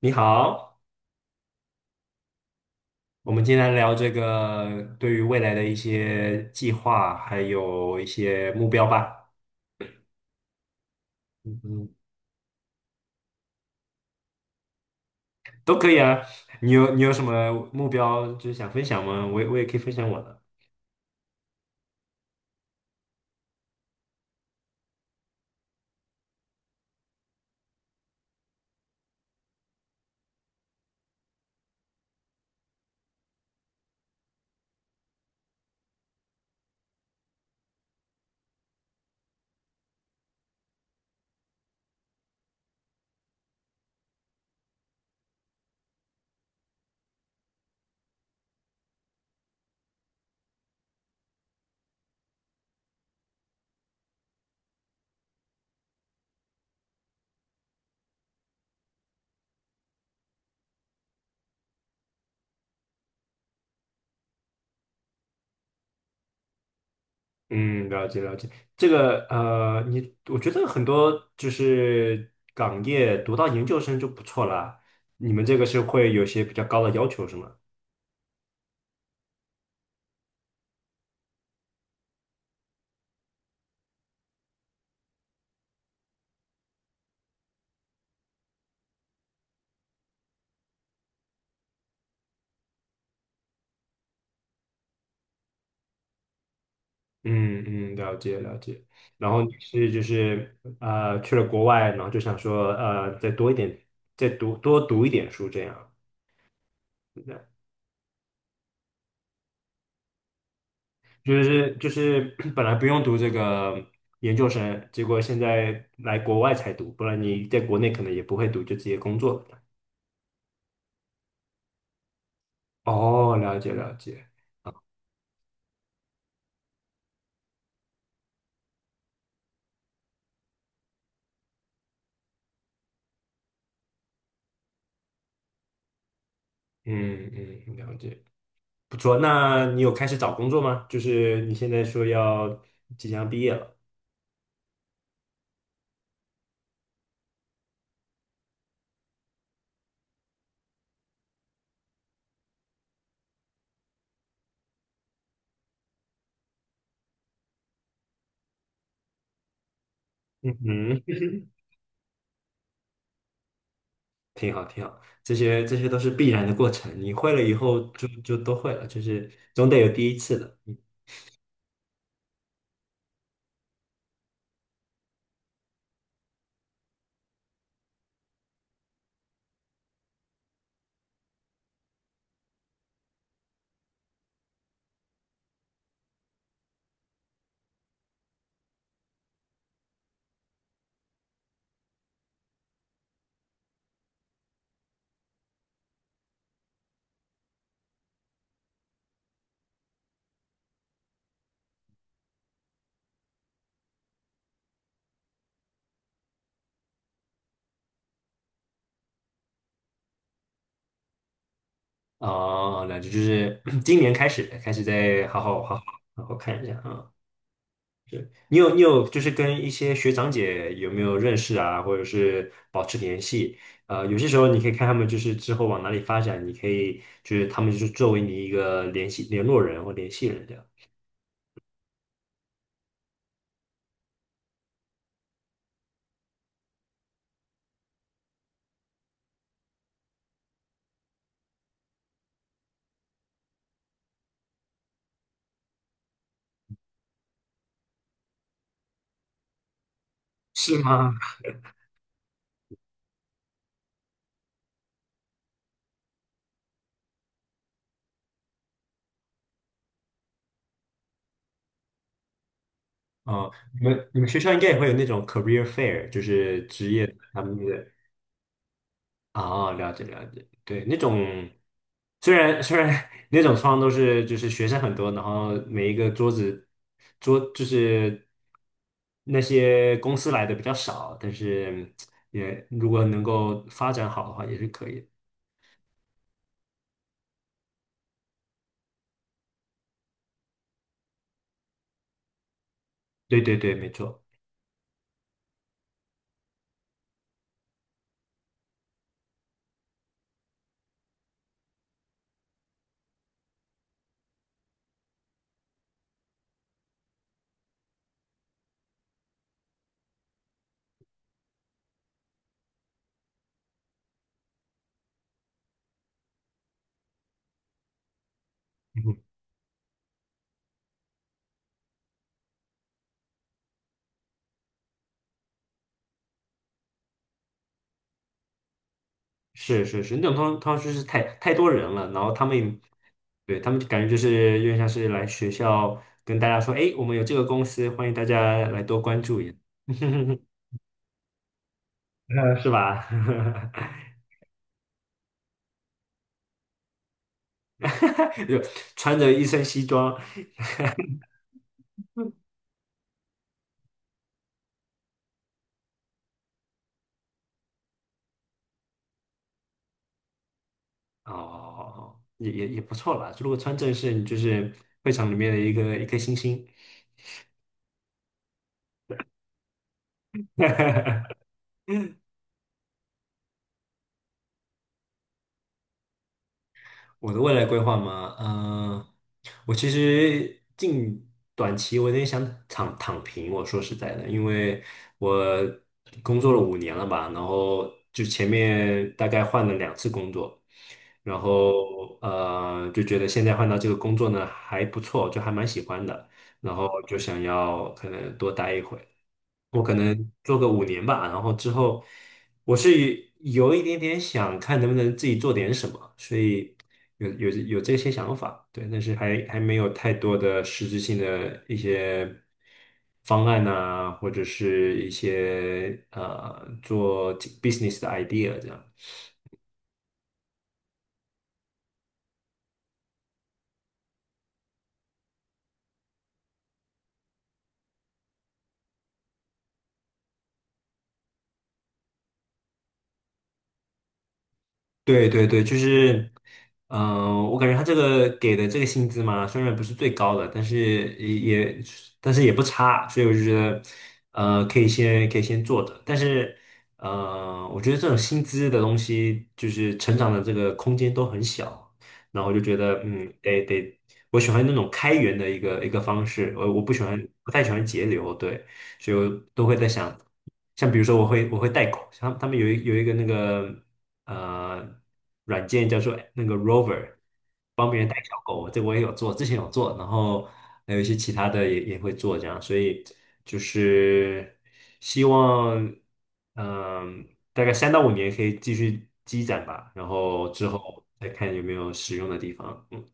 你好，我们今天来聊这个对于未来的一些计划，还有一些目标吧。嗯嗯。都可以啊。你有什么目标，就是想分享吗？我也可以分享我的。嗯，了解了解。这个你我觉得很多就是港业读到研究生就不错啦。你们这个是会有些比较高的要求是吗？嗯嗯，了解了解。然后你是就是去了国外，然后就想说再多一点，多读一点书这样。是这样。就是 本来不用读这个研究生，结果现在来国外才读，不然你在国内可能也不会读，就直接工作了。哦，了解了解，嗯嗯，了解，不错。那你有开始找工作吗？就是你现在说要即将毕业了。嗯。挺好，挺好，这些都是必然的过程，你会了以后就都会了，就是总得有第一次的。哦，哦那就是 今年开始再好好看一下啊。你有就是跟一些学长姐有没有认识啊，或者是保持联系？有些时候你可以看他们就是之后往哪里发展，你可以就是他们就是作为你一个联系联络人或联系人这样。是吗？哦，你们学校应该也会有那种 career fair，就是职业他们。哦，了解了解，对，那种虽然 那种窗都是就是学生很多，然后每一个桌子就是那些公司来的比较少，但是也如果能够发展好的话，也是可以的。对对对，没错，嗯。是是是，那种通常就是太多人了，然后他们，对，他们就感觉就是有点像是来学校跟大家说，哎，我们有这个公司，欢迎大家来多关注一下。是吧？就穿着一身西装。哦，也不错啦。如果穿正式，你就是会场里面的一颗星星。我的未来规划吗？嗯、我其实短期我有点想躺平。我说实在的，因为我工作了五年了吧，然后就前面大概换了2次工作，然后就觉得现在换到这个工作呢还不错，就还蛮喜欢的，然后就想要可能多待一会。我可能做个五年吧，然后之后我是有一点点想看能不能自己做点什么，所以有这些想法，对，但是还没有太多的实质性的一些方案呐、或者是一些做 business 的 idea 这样。对对对，就是，我感觉他这个给的这个薪资嘛，虽然不是最高的，也但是也不差，所以我就觉得，可以先做着。但是，我觉得这种薪资的东西，就是成长的这个空间都很小，然后我就觉得，我喜欢那种开源的一个一个方式，我不喜欢，不太喜欢节流，对。所以我都会在想，像比如说我会带狗，像他们有一个那个呃软件叫做那个 Rover，帮别人带小狗，这我也有做，之前有做，然后还有一些其他的也会做这样，所以就是希望大概三到五年可以继续积攒吧，然后之后再看有没有使用的地方，嗯。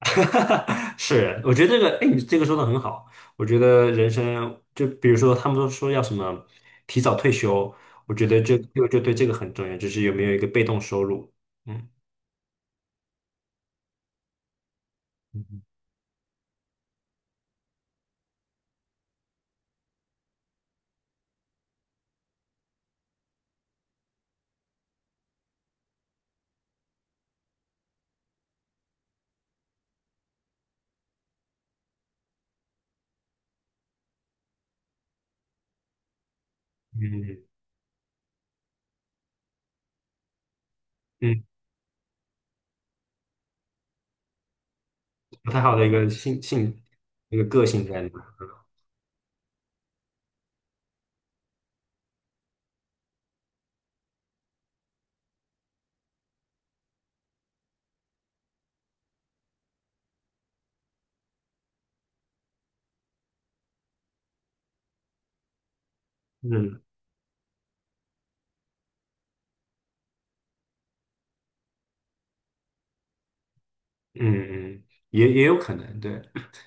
是，我觉得这个，哎，你这个说的很好。我觉得人生，就比如说他们都说要什么提早退休，我觉得就对这个很重要，就是有没有一个被动收入。嗯嗯嗯嗯。不太好的一个性，一个个性在里面。嗯。嗯嗯，也有可能，对，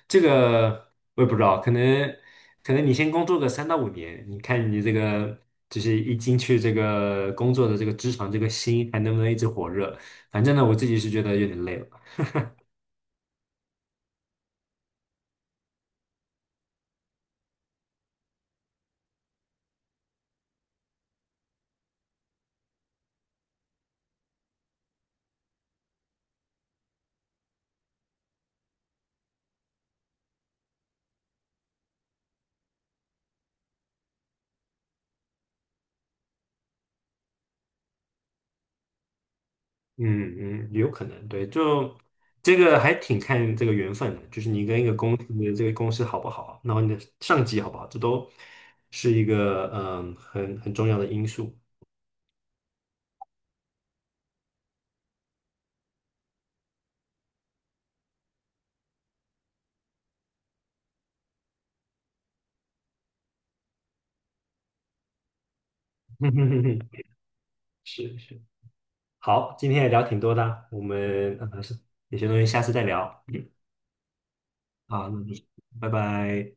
这个我也不知道，可能你先工作个三到五年，你看你这个就是一进去这个工作的这个职场这个心还能不能一直火热？反正呢，我自己是觉得有点累了。嗯嗯，有可能，对，就这个还挺看这个缘分的，就是你跟一个公司你的这个公司好不好，然后你的上级好不好，这都是一个很重要的因素。是是。好，今天也聊挺多的啊，我们是有些东西下次再聊。嗯。好，那就拜拜。